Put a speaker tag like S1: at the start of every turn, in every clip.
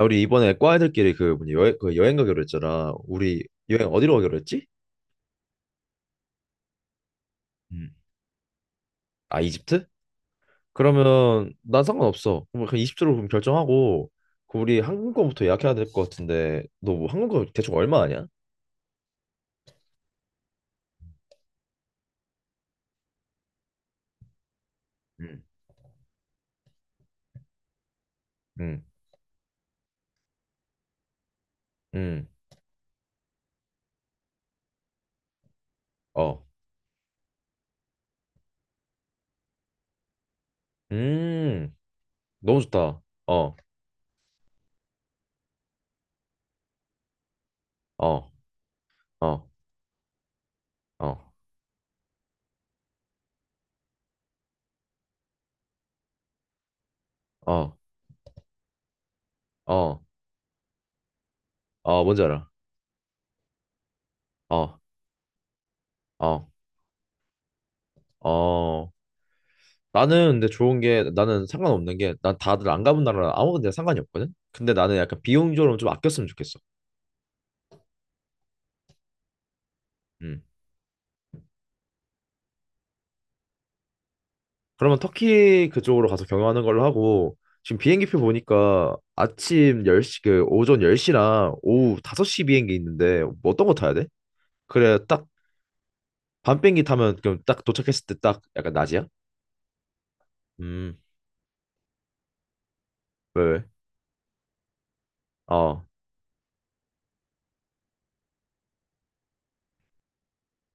S1: 야, 우리 이번에 과 애들끼리 그 뭐냐 여행 가기로 했잖아. 우리 여행 어디로 가기로 했지? 음. 아, 이집트? 그러면 난 상관없어. 그럼 그냥 이집트로 그럼 결정하고 그 우리 항공권부터 예약해야 될 것 같은데 너 뭐 항공권 대충 얼마 아냐? 음. 음, 음, 어, 음, 너무 좋다. 어, 어, 어, 어, 어, 어, 어, 뭔지 알아? 어, 어, 어. 나는 근데 좋은 게 나는 상관없는 게 난 다들 안 가본 나라 아무 데나 상관이 없거든. 근데 나는 약간 비용적으로 좀 아꼈으면 좋겠어. 음. 그러면 터키 그쪽으로 가서 경유하는 걸로 하고 지금 비행기표 보니까 아침 10시 그 오전 10시랑 오후 5시 비행기 있는데 뭐 어떤 거 타야 돼? 그래 딱 밤비행기 타면 그럼 딱 도착했을 때 딱 약간 낮이야? 음. 왜? 왜? 어.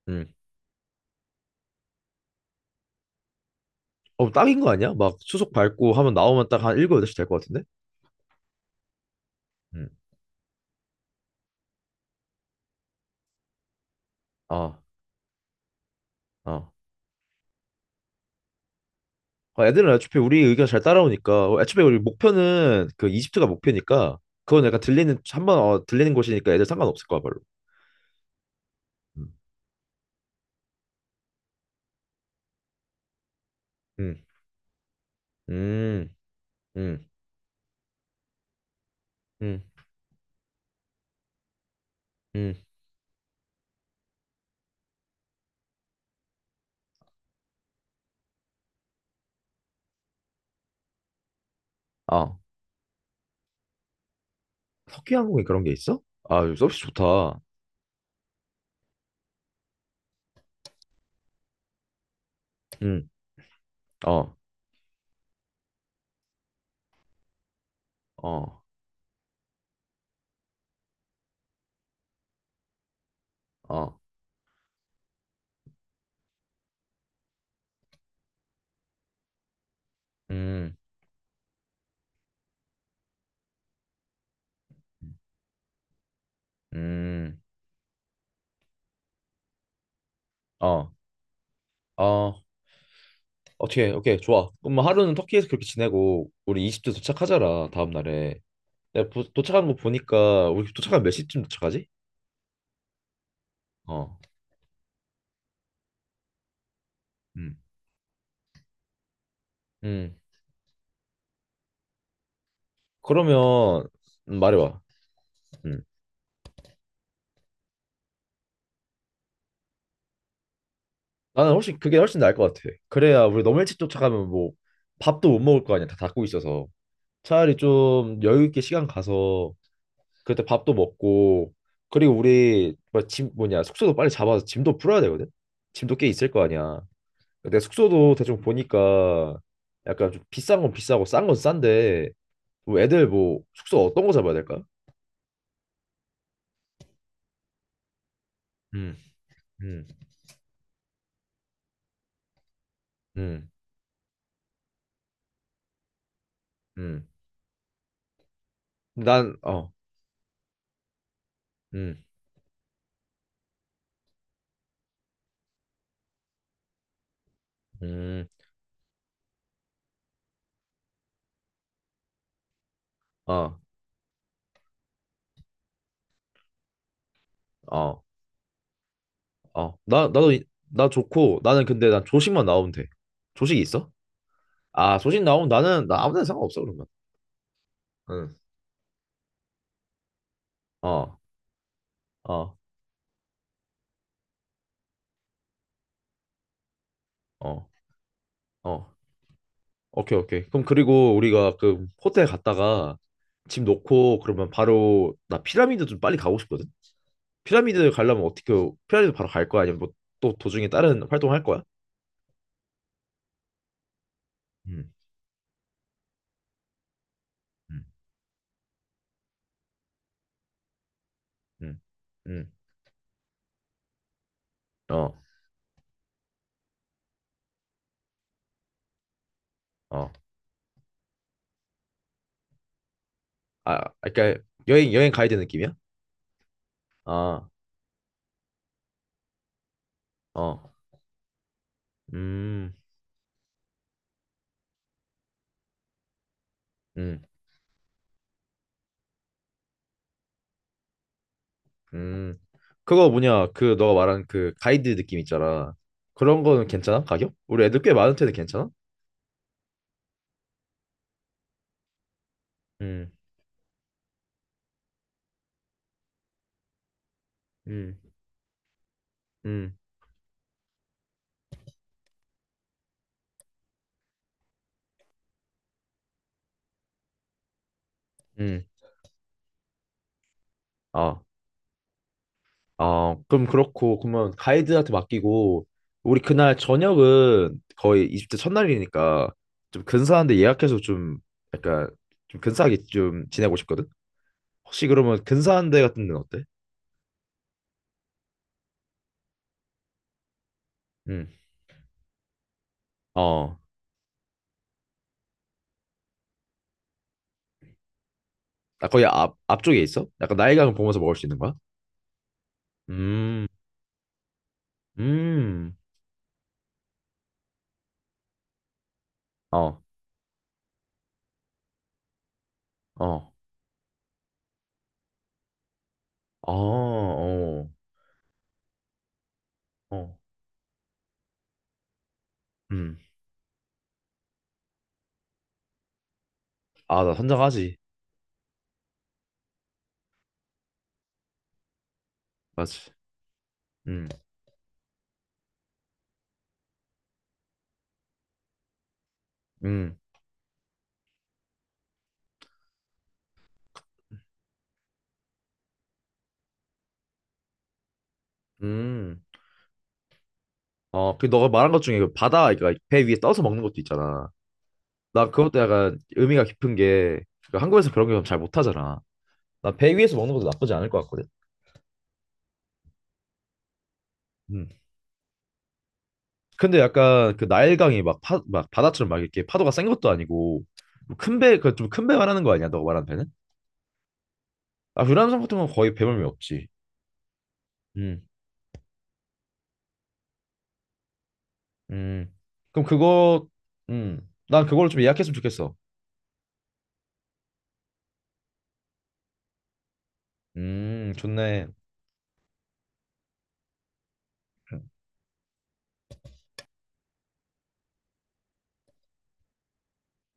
S1: 음. 어, 딱인 거 아니야? 막 수속 밟고 하면 나오면 딱 한 7, 8시 될 것 같은데? 음. 어. 어. 아, 애들은 애초에 우리 의견 잘 따라오니까 어, 애초에 우리 목표는 그 이집트가 목표니까 그건 약간 들리는 한번 들리는 곳이니까 애들 상관없을 거야 별로. 음, 음, 음, 음, 음. 음. 아, 석유 항공에 그런 게 있어? 아, 이거 서비스 좋다. 음, 어, 어, 어, 음, 음, 어, 어. 어떻게, 오케이, 좋아. 그럼 뭐 하루는 터키에서 그렇게 지내고 우리 이집트 도착하잖아 다음 날에. 내가 도착한 거 보니까 우리 도착하면 몇 시쯤 도착하지? 어, 음, 음. 그러면 말해봐. 음. 나는 훨씬 그게 훨씬 나을 것 같아. 그래야 우리 너무 일찍 쫓아가면 뭐 밥도 못 먹을 거 아니야. 다 닫고 있어서. 차라리 좀 여유 있게 시간 가서 그때 밥도 먹고 그리고 우리 뭐 짐 뭐냐 숙소도 빨리 잡아서 짐도 풀어야 되거든. 짐도 꽤 있을 거 아니야. 근데 숙소도 대충 보니까 약간 좀 비싼 건 비싸고 싼 건 싼데 뭐 애들 뭐 숙소 어떤 거 잡아야 될까? 음, 음, 음, 음. 난 어, 음, 음, 어. 어, 어, 나도, 나 좋고, 나는 근데 난 조식만 나오면 돼. 조식이 있어? 아, 조식 나오면 나 아무 데나 상관없어, 그러면. 응. 어, 어, 어, 어. 오케이, 오케이. 그럼 그리고 우리가 그 호텔 갔다가 짐 놓고 그러면 바로, 나 피라미드 좀 빨리 가고 싶거든? 피라미드 가려면 어떻게, 피라미드 바로 갈 거야? 아니면 뭐 또 도중에 다른 활동 할 거야? 음, 음, 음, 음. 어, 어. 아, 그러니까 여행 가야 되는 느낌이야? 아, 어, 음, 음. 음, 그거 뭐냐, 그 너가 말한 그 가이드 느낌 있잖아. 그런 거는 괜찮아? 가격? 우리 애들 꽤 많은데도 괜찮아? 음, 음, 음, 음. 아, 아, 그럼 그렇고, 그러면 가이드한테 맡기고, 우리 그날 저녁은 거의 20대 첫날이니까 좀 근사한데 예약해서 좀 약간 좀 근사하게 좀 지내고 싶거든? 혹시 그러면 근사한 데 같은 데는 어때? 음, 어, 나 거의 앞쪽에 있어? 약간 나이가 보면서 먹을 수 있는 거야? 음, 음. 어, 어. 아, 어. 어. 음. 아, 나 선장하지. 맞지. 음. 음. 음. 어, 그 너가 말한 것 중에 그 바다 그러니까 배 위에 떠서 먹는 것도 있잖아. 나 그것도 약간 의미가 깊은 게 그 한국에서 그런 게 잘 못하잖아. 나 배 위에서 먹는 것도 나쁘지 않을 것 같거든. 음. 근데 약간 그 나일강이 막, 막 바다처럼 막 이렇게 파도가 센 것도 아니고 뭐 큰 배, 그 좀 큰 배 말하는 거 아니야? 너가 말한 배는? 아, 유람선 같은 건 거의 배멀미 없지. 음. 음. 그럼 그거 음. 난 그걸로 좀 예약했으면 좋겠어. 좋네.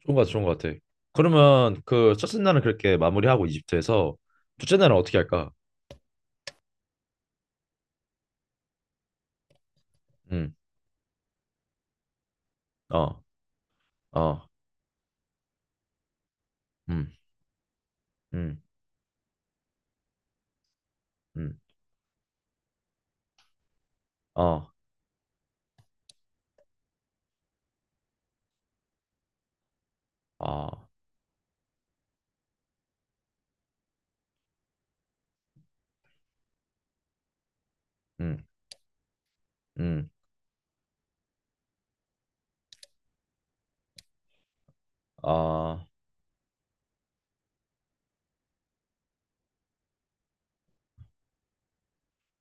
S1: 좋은 거 같아, 좋은 거 같아. 그러면 그 첫째 날은 그렇게 마무리하고 이집트에서 둘째 날은 어떻게 할까? 음. 어. 어. 음. 음. 음. 어. 어. 음. 음. 어.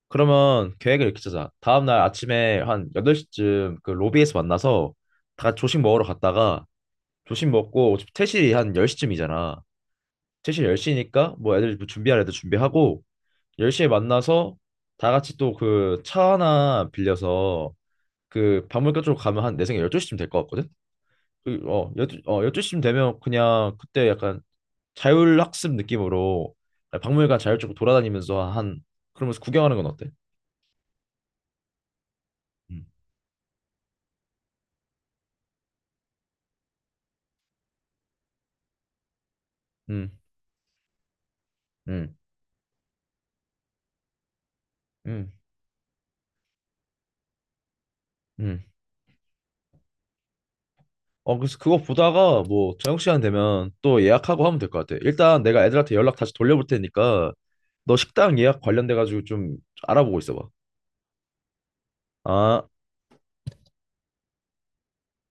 S1: 그러면 계획을 이렇게 짜자. 다음 날 아침에 한 8시쯤 그 로비에서 만나서 다 같이 조식 먹으러 갔다가 조식 먹고 어차피 퇴실이 한 10시쯤이잖아. 최신 10시니까 뭐 애들 뭐 준비할 애들 준비하고 10시에 만나서 다 같이 또 그 차 하나 빌려서 그 박물관 쪽으로 가면 한 내 생각에 12시쯤 될 것 같거든? 12시쯤 되면 그냥 그때 약간 자율학습 느낌으로 박물관 자율적으로 돌아다니면서 한 그러면서 구경하는 건 어때? 음, 음, 음, 음. 음. 어, 그래서 그거 보다가 뭐 저녁 시간 되면 또 예약하고 하면 될 것 같아. 일단 내가 애들한테 연락 다시 돌려볼 테니까 너 식당 예약 관련돼 가지고 좀 알아보고 있어 봐. 아,